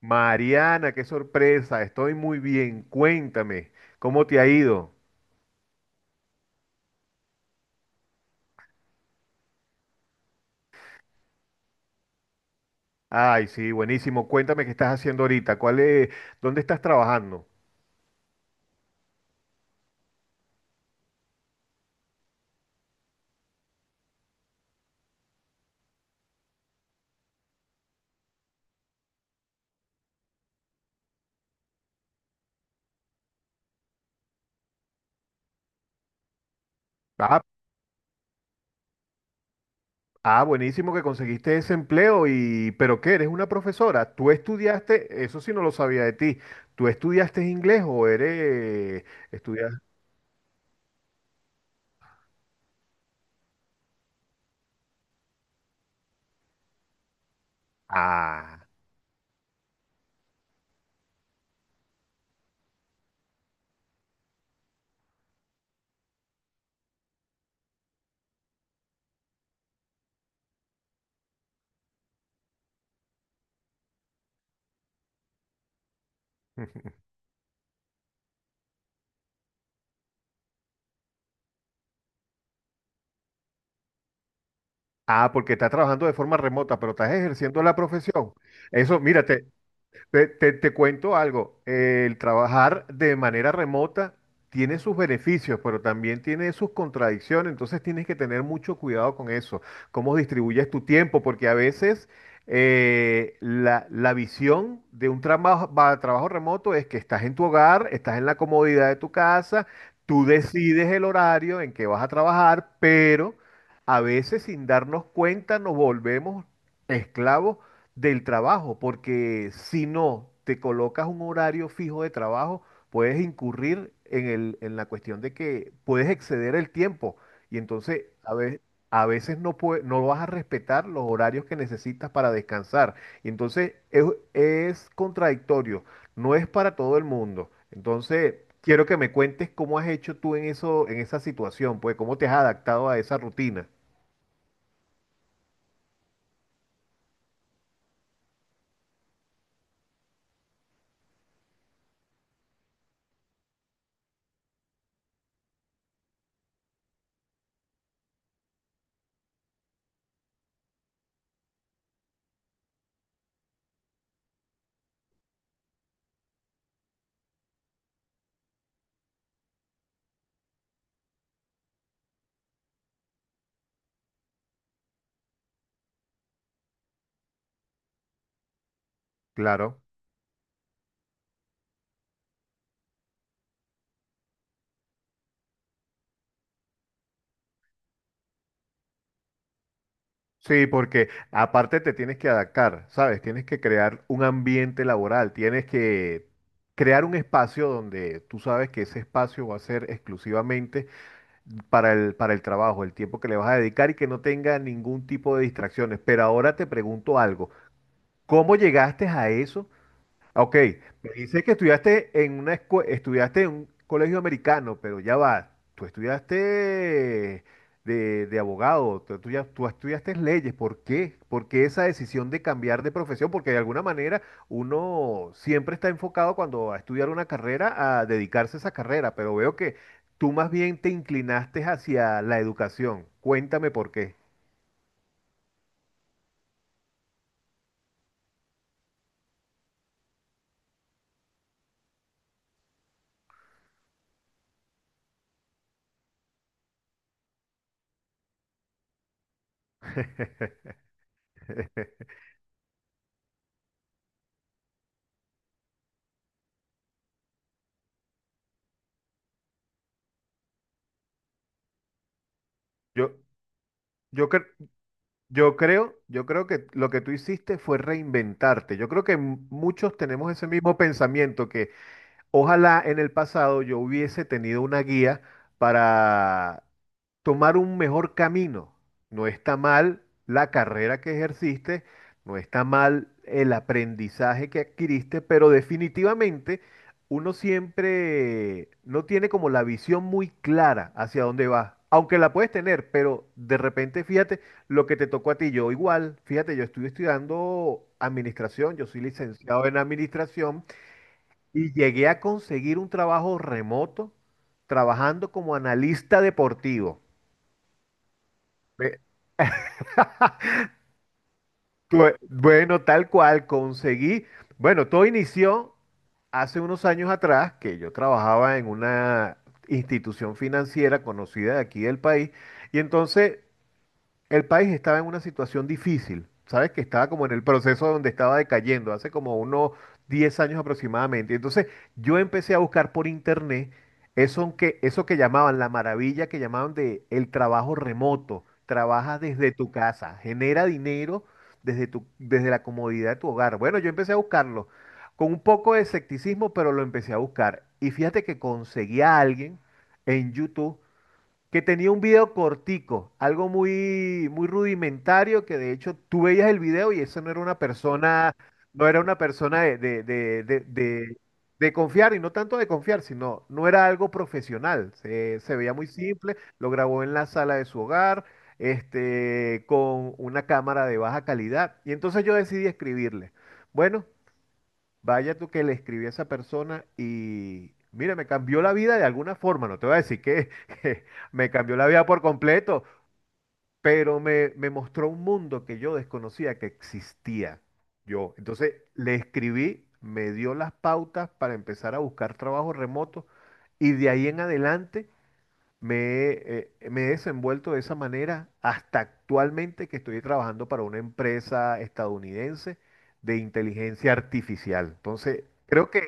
Mariana, qué sorpresa, estoy muy bien. Cuéntame, ¿cómo te ha ido? Ay, sí, buenísimo. Cuéntame qué estás haciendo ahorita. ¿Cuál es, dónde estás trabajando? Ah, ah, buenísimo que conseguiste ese empleo y, ¿pero qué? ¿Eres una profesora? ¿Tú estudiaste? Eso sí no lo sabía de ti. ¿Tú estudiaste inglés o eres estudias? Ah. Ah, porque estás trabajando de forma remota, pero estás ejerciendo la profesión. Eso, mírate. Te cuento algo, el trabajar de manera remota tiene sus beneficios, pero también tiene sus contradicciones, entonces tienes que tener mucho cuidado con eso, cómo distribuyes tu tiempo, porque a veces la, la visión de un trabajo, trabajo remoto es que estás en tu hogar, estás en la comodidad de tu casa, tú decides el horario en que vas a trabajar, pero a veces sin darnos cuenta nos volvemos esclavos del trabajo, porque si no te colocas un horario fijo de trabajo, puedes incurrir en el, en la cuestión de que puedes exceder el tiempo y entonces a veces no vas a respetar los horarios que necesitas para descansar. Y entonces es contradictorio, no es para todo el mundo. Entonces, quiero que me cuentes cómo has hecho tú en eso, en esa situación, pues cómo te has adaptado a esa rutina. Claro. Sí, porque aparte te tienes que adaptar, ¿sabes? Tienes que crear un ambiente laboral, tienes que crear un espacio donde tú sabes que ese espacio va a ser exclusivamente para el trabajo, el tiempo que le vas a dedicar y que no tenga ningún tipo de distracciones. Pero ahora te pregunto algo, ¿cómo llegaste a eso? Ok, me dice que estudiaste en una estudiaste en un colegio americano, pero ya va, tú estudiaste de abogado, tú, tú estudiaste leyes, ¿por qué? ¿Por qué esa decisión de cambiar de profesión? Porque de alguna manera uno siempre está enfocado cuando va a estudiar una carrera a dedicarse a esa carrera, pero veo que tú más bien te inclinaste hacia la educación. Cuéntame por qué. Yo, yo creo. Yo creo que lo que tú hiciste fue reinventarte. Yo creo que muchos tenemos ese mismo pensamiento que ojalá en el pasado yo hubiese tenido una guía para tomar un mejor camino. No está mal la carrera que ejerciste, no está mal el aprendizaje que adquiriste, pero definitivamente uno siempre no tiene como la visión muy clara hacia dónde vas. Aunque la puedes tener, pero de repente fíjate lo que te tocó a ti. Yo igual, fíjate, yo estuve estudiando administración, yo soy licenciado en administración y llegué a conseguir un trabajo remoto trabajando como analista deportivo. Ve. Bueno, tal cual, conseguí. Bueno, todo inició hace unos años atrás que yo trabajaba en una institución financiera conocida de aquí del país y entonces el país estaba en una situación difícil, ¿sabes? Que estaba como en el proceso donde estaba decayendo, hace como unos 10 años aproximadamente. Entonces yo empecé a buscar por internet eso que llamaban la maravilla, que llamaban de el trabajo remoto. Trabaja desde tu casa, genera dinero desde tu, desde la comodidad de tu hogar. Bueno, yo empecé a buscarlo con un poco de escepticismo, pero lo empecé a buscar. Y fíjate que conseguí a alguien en YouTube que tenía un video cortico, algo muy, muy rudimentario, que de hecho tú veías el video y eso no era una persona, no era una persona de confiar, y no tanto de confiar, sino no era algo profesional, se veía muy simple, lo grabó en la sala de su hogar, este, con una cámara de baja calidad, y entonces yo decidí escribirle. Bueno, vaya tú que le escribí a esa persona y mira, me cambió la vida de alguna forma. No te voy a decir que, que me cambió la vida por completo, pero me mostró un mundo que yo desconocía que existía yo. Entonces le escribí, me dio las pautas para empezar a buscar trabajo remoto y de ahí en adelante. Me, me he desenvuelto de esa manera hasta actualmente que estoy trabajando para una empresa estadounidense de inteligencia artificial. Entonces, creo que,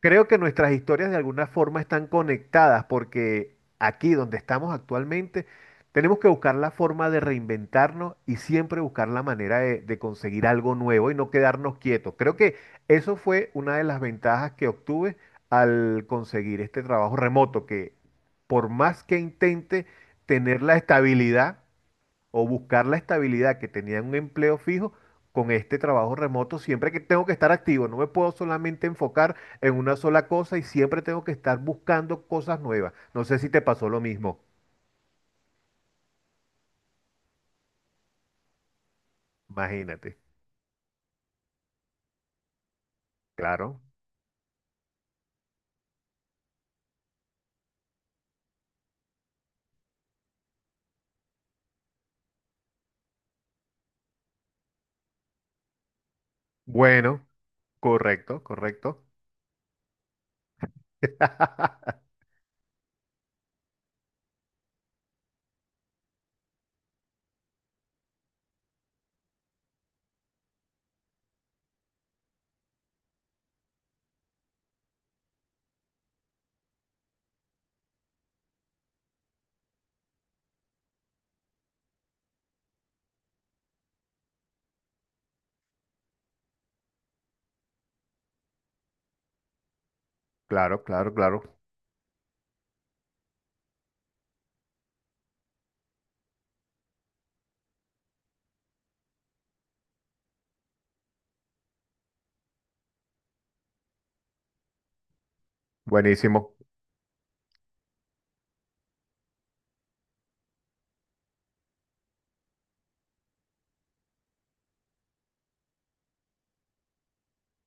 creo que nuestras historias de alguna forma están conectadas porque aquí donde estamos actualmente tenemos que buscar la forma de reinventarnos y siempre buscar la manera de conseguir algo nuevo y no quedarnos quietos. Creo que eso fue una de las ventajas que obtuve al conseguir este trabajo remoto que por más que intente tener la estabilidad o buscar la estabilidad que tenía en un empleo fijo, con este trabajo remoto siempre que tengo que estar activo, no me puedo solamente enfocar en una sola cosa y siempre tengo que estar buscando cosas nuevas. No sé si te pasó lo mismo, imagínate. Claro. Bueno, correcto, correcto. Claro, claro, claro. Buenísimo.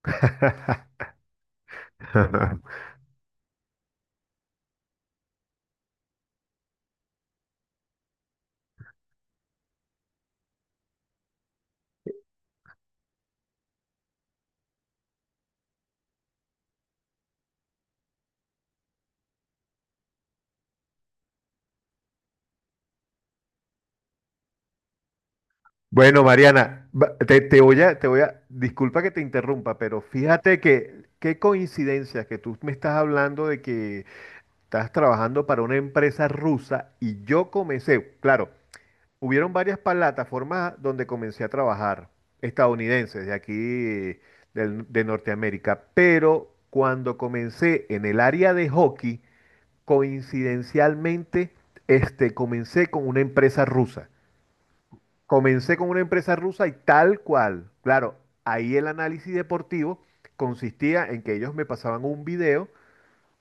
Bueno, Mariana, va- te- voy a, te voy a, disculpa que te interrumpa, pero fíjate que qué coincidencia que tú me estás hablando de que estás trabajando para una empresa rusa y yo comencé, claro, hubieron varias plataformas donde comencé a trabajar, estadounidenses, de aquí, de Norteamérica, pero cuando comencé en el área de hockey, coincidencialmente, este, comencé con una empresa rusa. Comencé con una empresa rusa y tal cual. Claro, ahí el análisis deportivo consistía en que ellos me pasaban un video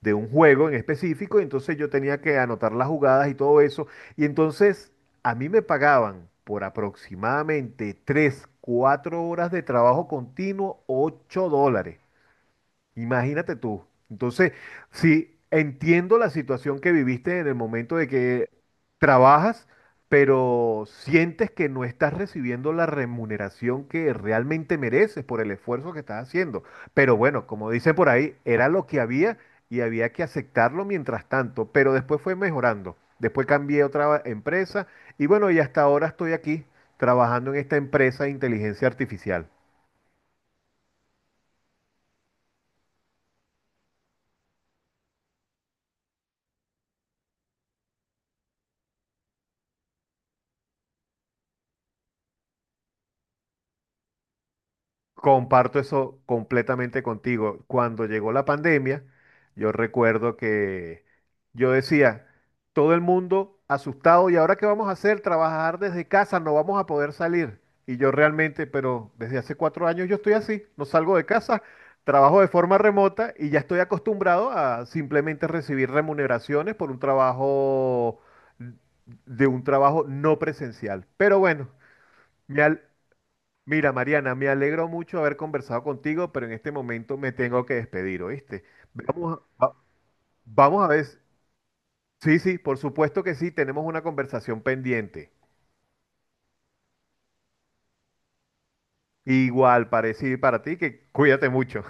de un juego en específico y entonces yo tenía que anotar las jugadas y todo eso. Y entonces a mí me pagaban por aproximadamente 3, 4 horas de trabajo continuo, $8. Imagínate tú. Entonces, sí, entiendo la situación que viviste en el momento de que trabajas, pero sientes que no estás recibiendo la remuneración que realmente mereces por el esfuerzo que estás haciendo. Pero bueno, como dicen por ahí, era lo que había y había que aceptarlo mientras tanto, pero después fue mejorando. Después cambié a otra empresa y bueno, y hasta ahora estoy aquí trabajando en esta empresa de inteligencia artificial. Comparto eso completamente contigo. Cuando llegó la pandemia, yo recuerdo que yo decía, todo el mundo asustado, ¿y ahora qué vamos a hacer? Trabajar desde casa, no vamos a poder salir. Y yo realmente, pero desde hace 4 años yo estoy así, no salgo de casa, trabajo de forma remota y ya estoy acostumbrado a simplemente recibir remuneraciones por un trabajo, de un trabajo no presencial. Pero bueno, me, al- mira, Mariana, me alegro mucho haber conversado contigo, pero en este momento me tengo que despedir, ¿oíste? Vamos a, va- Vamos a ver. Sí, sí, por supuesto que sí, tenemos una conversación pendiente. Igual, parecido para ti, que cuídate mucho.